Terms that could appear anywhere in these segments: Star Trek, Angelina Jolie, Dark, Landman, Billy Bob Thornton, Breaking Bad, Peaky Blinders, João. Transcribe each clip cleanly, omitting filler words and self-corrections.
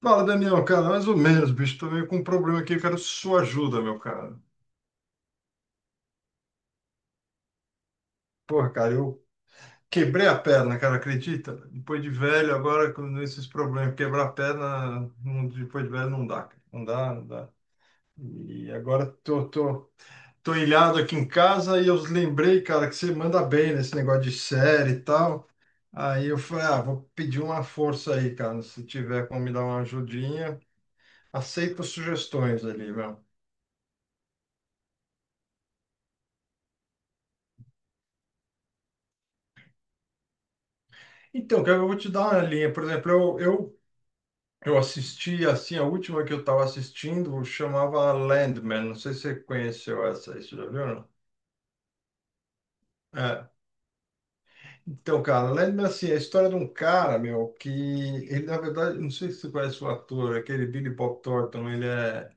Fala, Daniel, cara, mais ou menos, bicho. Tô meio com um problema aqui, eu quero sua ajuda, meu cara. Porra, cara, eu quebrei a perna, cara, acredita? Depois de velho, agora com esses problemas, quebrar a perna, depois de velho não dá, cara. Não dá, não dá. E agora tô ilhado aqui em casa e eu lembrei, cara, que você manda bem nesse negócio de série e tal. Aí eu falei, ah, vou pedir uma força aí, cara, se tiver como me dar uma ajudinha. Aceito sugestões ali, meu. Então, cara, eu vou te dar uma linha. Por exemplo, eu assisti, assim, a última que eu estava assistindo chamava Landman. Não sei se você conheceu essa aí, você já viu, não? É. Então, cara, Landman, assim, é a história de um cara, meu, que ele, na verdade, não sei se você conhece o ator, aquele Billy Bob Thornton, ele é...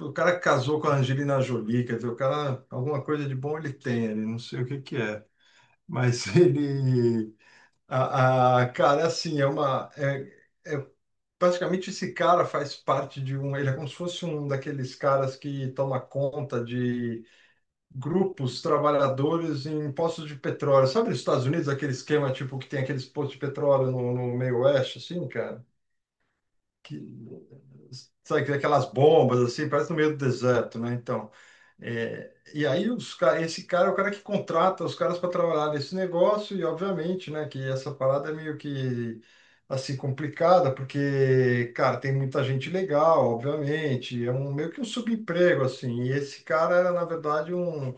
O cara que casou com a Angelina Jolie, quer dizer, o cara, alguma coisa de bom ele tem, ele não sei o que que é. Mas ele... Cara, é assim, é uma. Praticamente esse cara faz parte de um. Ele é como se fosse um daqueles caras que toma conta de grupos trabalhadores em postos de petróleo. Sabe, nos Estados Unidos, aquele esquema tipo que tem aqueles postos de petróleo no, no meio oeste, assim, cara? Que, sabe, aquelas bombas assim, parece no meio do deserto, né? Então, é, e aí esse cara é o cara que contrata os caras para trabalhar nesse negócio e obviamente, né, que essa parada é meio que assim complicada, porque, cara, tem muita gente legal, obviamente, é um meio que um subemprego assim. E esse cara era na verdade um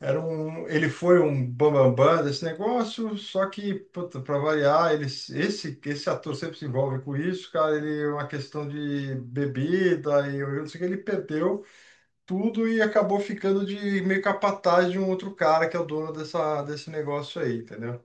era um, ele foi um bambambam desse negócio, só que, para variar, ele, esse ator sempre se envolve com isso, cara. Ele, é uma questão de bebida, e eu não sei o que, ele perdeu tudo e acabou ficando de meio capataz de um outro cara que é o dono dessa, desse negócio aí, entendeu?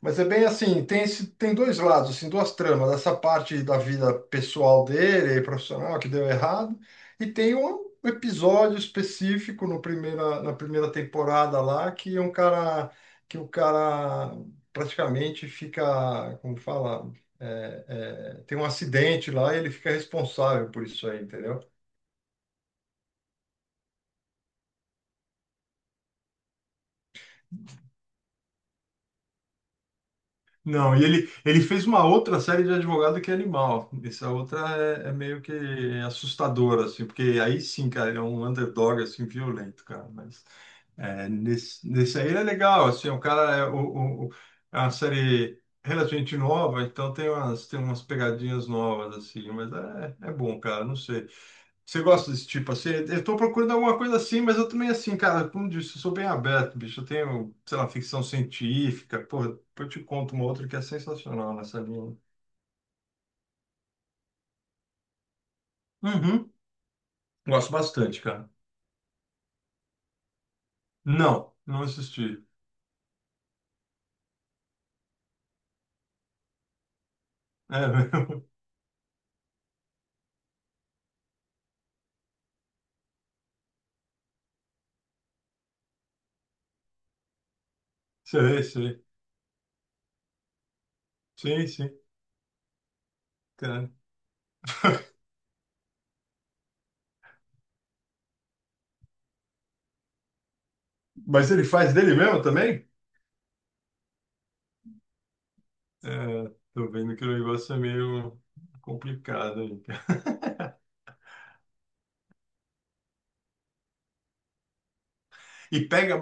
Mas é bem assim, tem, tem dois lados, assim, duas tramas, essa parte da vida pessoal dele, profissional, que deu errado, e tem um episódio específico no primeira, na primeira temporada lá, que é um cara, que o cara praticamente fica, como fala, tem um acidente lá e ele fica responsável por isso aí, entendeu? Não, e ele fez uma outra série de advogado que é animal. Essa outra é, é meio que assustadora, assim, porque aí sim, cara, ele é um underdog, assim, violento, cara. Mas é, nesse aí ele é legal, assim, o cara é, é uma série relativamente nova, então tem umas pegadinhas novas, assim, mas é, é bom, cara, não sei. Você gosta desse tipo assim? Eu tô procurando alguma coisa assim, mas eu também assim, cara, como disse, eu sou bem aberto, bicho. Eu tenho, sei lá, ficção científica. Porra, depois eu te conto uma outra que é sensacional nessa linha. Uhum. Gosto bastante, cara. Não, não assisti. É, mesmo? Sei, sei. Sim, sim, cara. Mas ele faz dele mesmo também? É, tô vendo que o negócio é meio complicado aí, cara. E pega,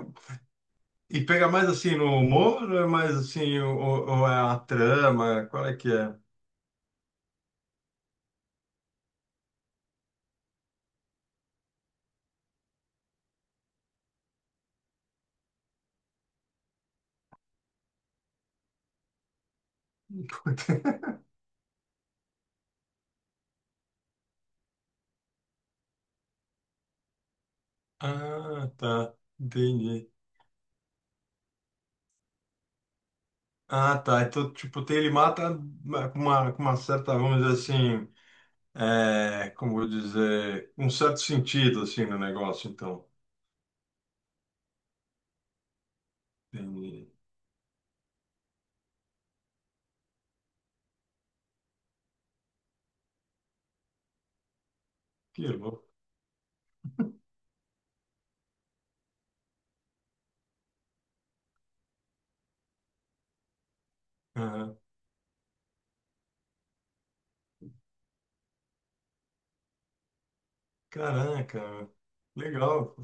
e pega mais assim no humor, ou é mais assim, ou é a trama? Qual é que é? Ah, tá. Entendi. Ah, tá. Então, tipo, tem, ele mata, né, com uma certa, vamos dizer assim, é, como vou dizer, um certo sentido, assim, no negócio, então. Entendi. Que louco. Aham. Caraca, meu. Legal.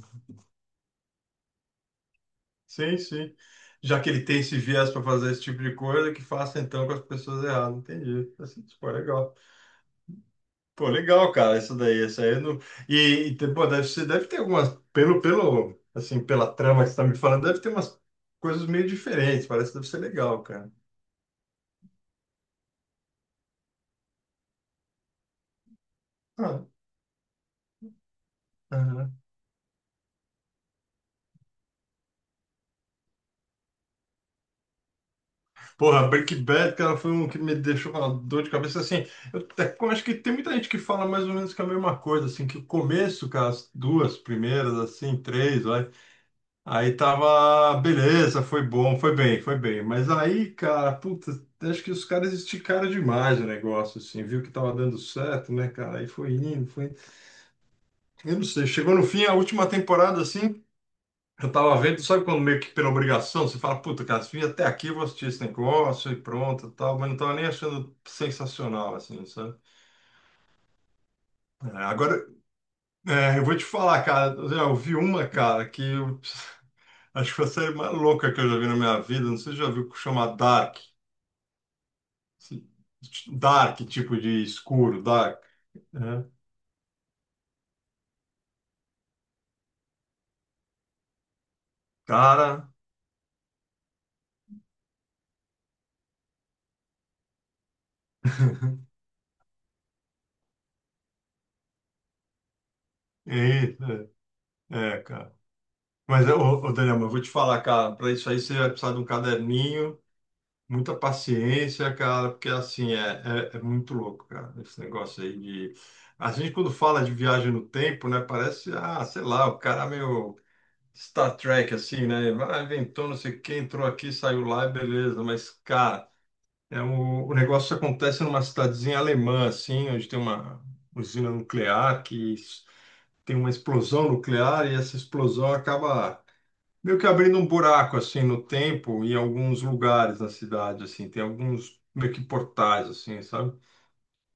Sim, sim. Já que ele tem esse viés para fazer esse tipo de coisa, que faça então com as pessoas erradas. Entendi. Assim, pô, legal. Pô, legal, cara, isso daí, isso aí eu não... Pô, deve ter algumas, pelo, assim, pela trama que você tá me falando, deve ter umas coisas meio diferentes, parece que deve ser legal, cara. Ah, aham. Porra, Breaking Bad, cara, foi um que me deixou com uma dor de cabeça, assim, eu acho que tem muita gente que fala mais ou menos que é a mesma coisa, assim, que o começo, cara, as duas primeiras, assim, três, vai, aí tava, beleza, foi bom, foi bem, foi bem. Mas aí, cara, puta, acho que os caras esticaram demais o negócio, assim, viu que tava dando certo, né, cara? Aí foi indo, foi indo. Eu não sei, chegou no fim, a última temporada, assim, eu tava vendo, sabe, quando meio que pela obrigação, você fala, puta, cara, se vim até aqui, eu vou assistir esse negócio e pronto, tal, mas não tava nem achando sensacional, assim, sabe? É, agora, é, eu vou te falar, cara, eu vi uma, cara, que eu acho que foi a série mais louca que eu já vi na minha vida, não sei se você já viu, que chama Dark. Dark, tipo de escuro, dark. Né? Cara, é, é, cara. Mas, ô Daniel, mas eu vou te falar, cara, para isso aí você vai precisar de um caderninho, muita paciência, cara, porque assim, é, é muito louco, cara, esse negócio aí de. A gente, quando fala de viagem no tempo, né, parece, ah, sei lá, o cara meio Star Trek, assim, né? Vai, inventou não sei o que, entrou aqui, saiu lá, beleza, mas, cara. É, o negócio acontece numa cidadezinha alemã, assim, onde tem uma usina nuclear tem uma explosão nuclear e essa explosão acaba meio que abrindo um buraco, assim, no tempo em alguns lugares na cidade, assim. Tem alguns meio que portais, assim, sabe?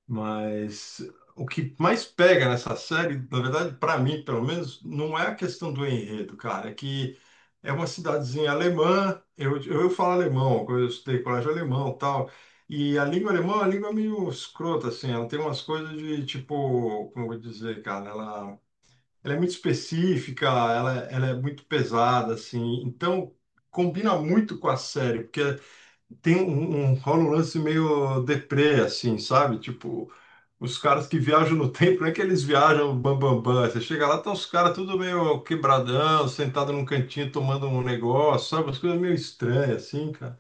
Mas o que mais pega nessa série, na verdade, para mim, pelo menos, não é a questão do enredo, cara. É que é uma cidadezinha alemã, eu falo alemão, eu estudei colégio alemão e tal, e a língua alemã é uma língua meio escrota, assim, ela tem umas coisas de, tipo, como eu vou dizer, cara, ela é muito específica, ela é muito pesada, assim, então combina muito com a série, porque tem rola um lance meio deprê, assim, sabe? Tipo, os caras que viajam no tempo, não é que eles viajam bam, bam, bam. Você chega lá, estão os caras tudo meio quebradão, sentado num cantinho tomando um negócio, sabe? As coisas meio estranhas, assim, cara,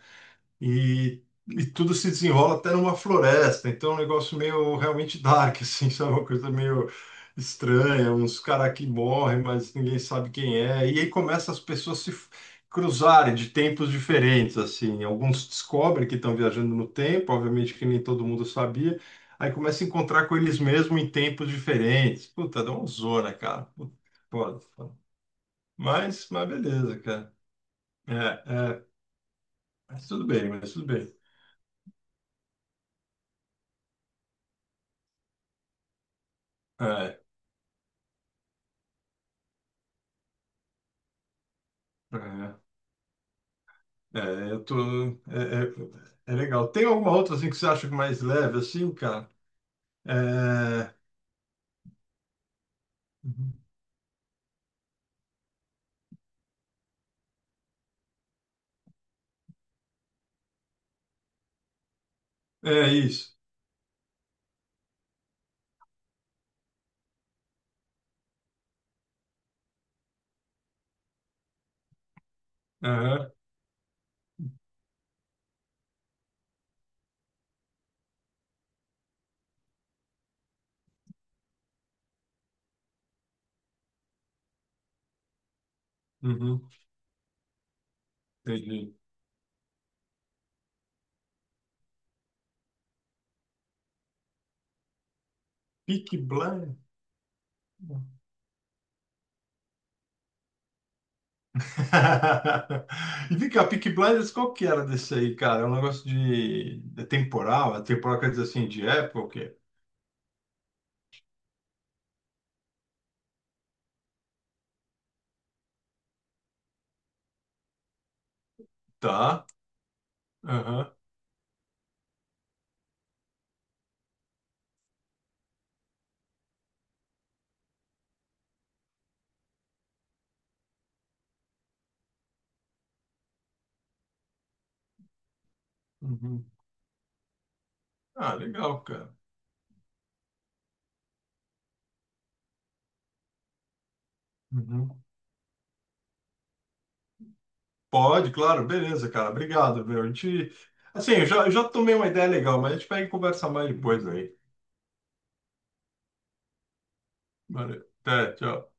e tudo se desenrola até numa floresta. Então, é um negócio meio realmente dark, assim, sabe? Uma coisa meio estranha, uns caras que morrem, mas ninguém sabe quem é. E aí começa as pessoas se f- cruzarem de tempos diferentes, assim. Alguns descobrem que estão viajando no tempo, obviamente que nem todo mundo sabia. Aí começa a encontrar com eles mesmos em tempos diferentes. Puta, dá uma zona, cara. Puta, foda, foda. Mas, beleza, cara. É, é, mas tudo bem, mas tudo bem. É, é. É, eu tô, é, é legal. Tem alguma outra assim que você acha mais leve assim, cara? É, é isso. Aham, uhum, entendi. Peaky Blinders. E vem cá, Peaky Blinders, qual que era desse aí, cara? É um negócio de temporal? É temporal quer dizer assim, de época ou quê? Tá. Aham. Uhum. Ah, legal, cara. Uhum. Pode, claro, beleza, cara. Obrigado, meu. A gente. Assim, eu já tomei uma ideia legal, mas a gente pega e conversa mais depois aí. Valeu. Até, tchau.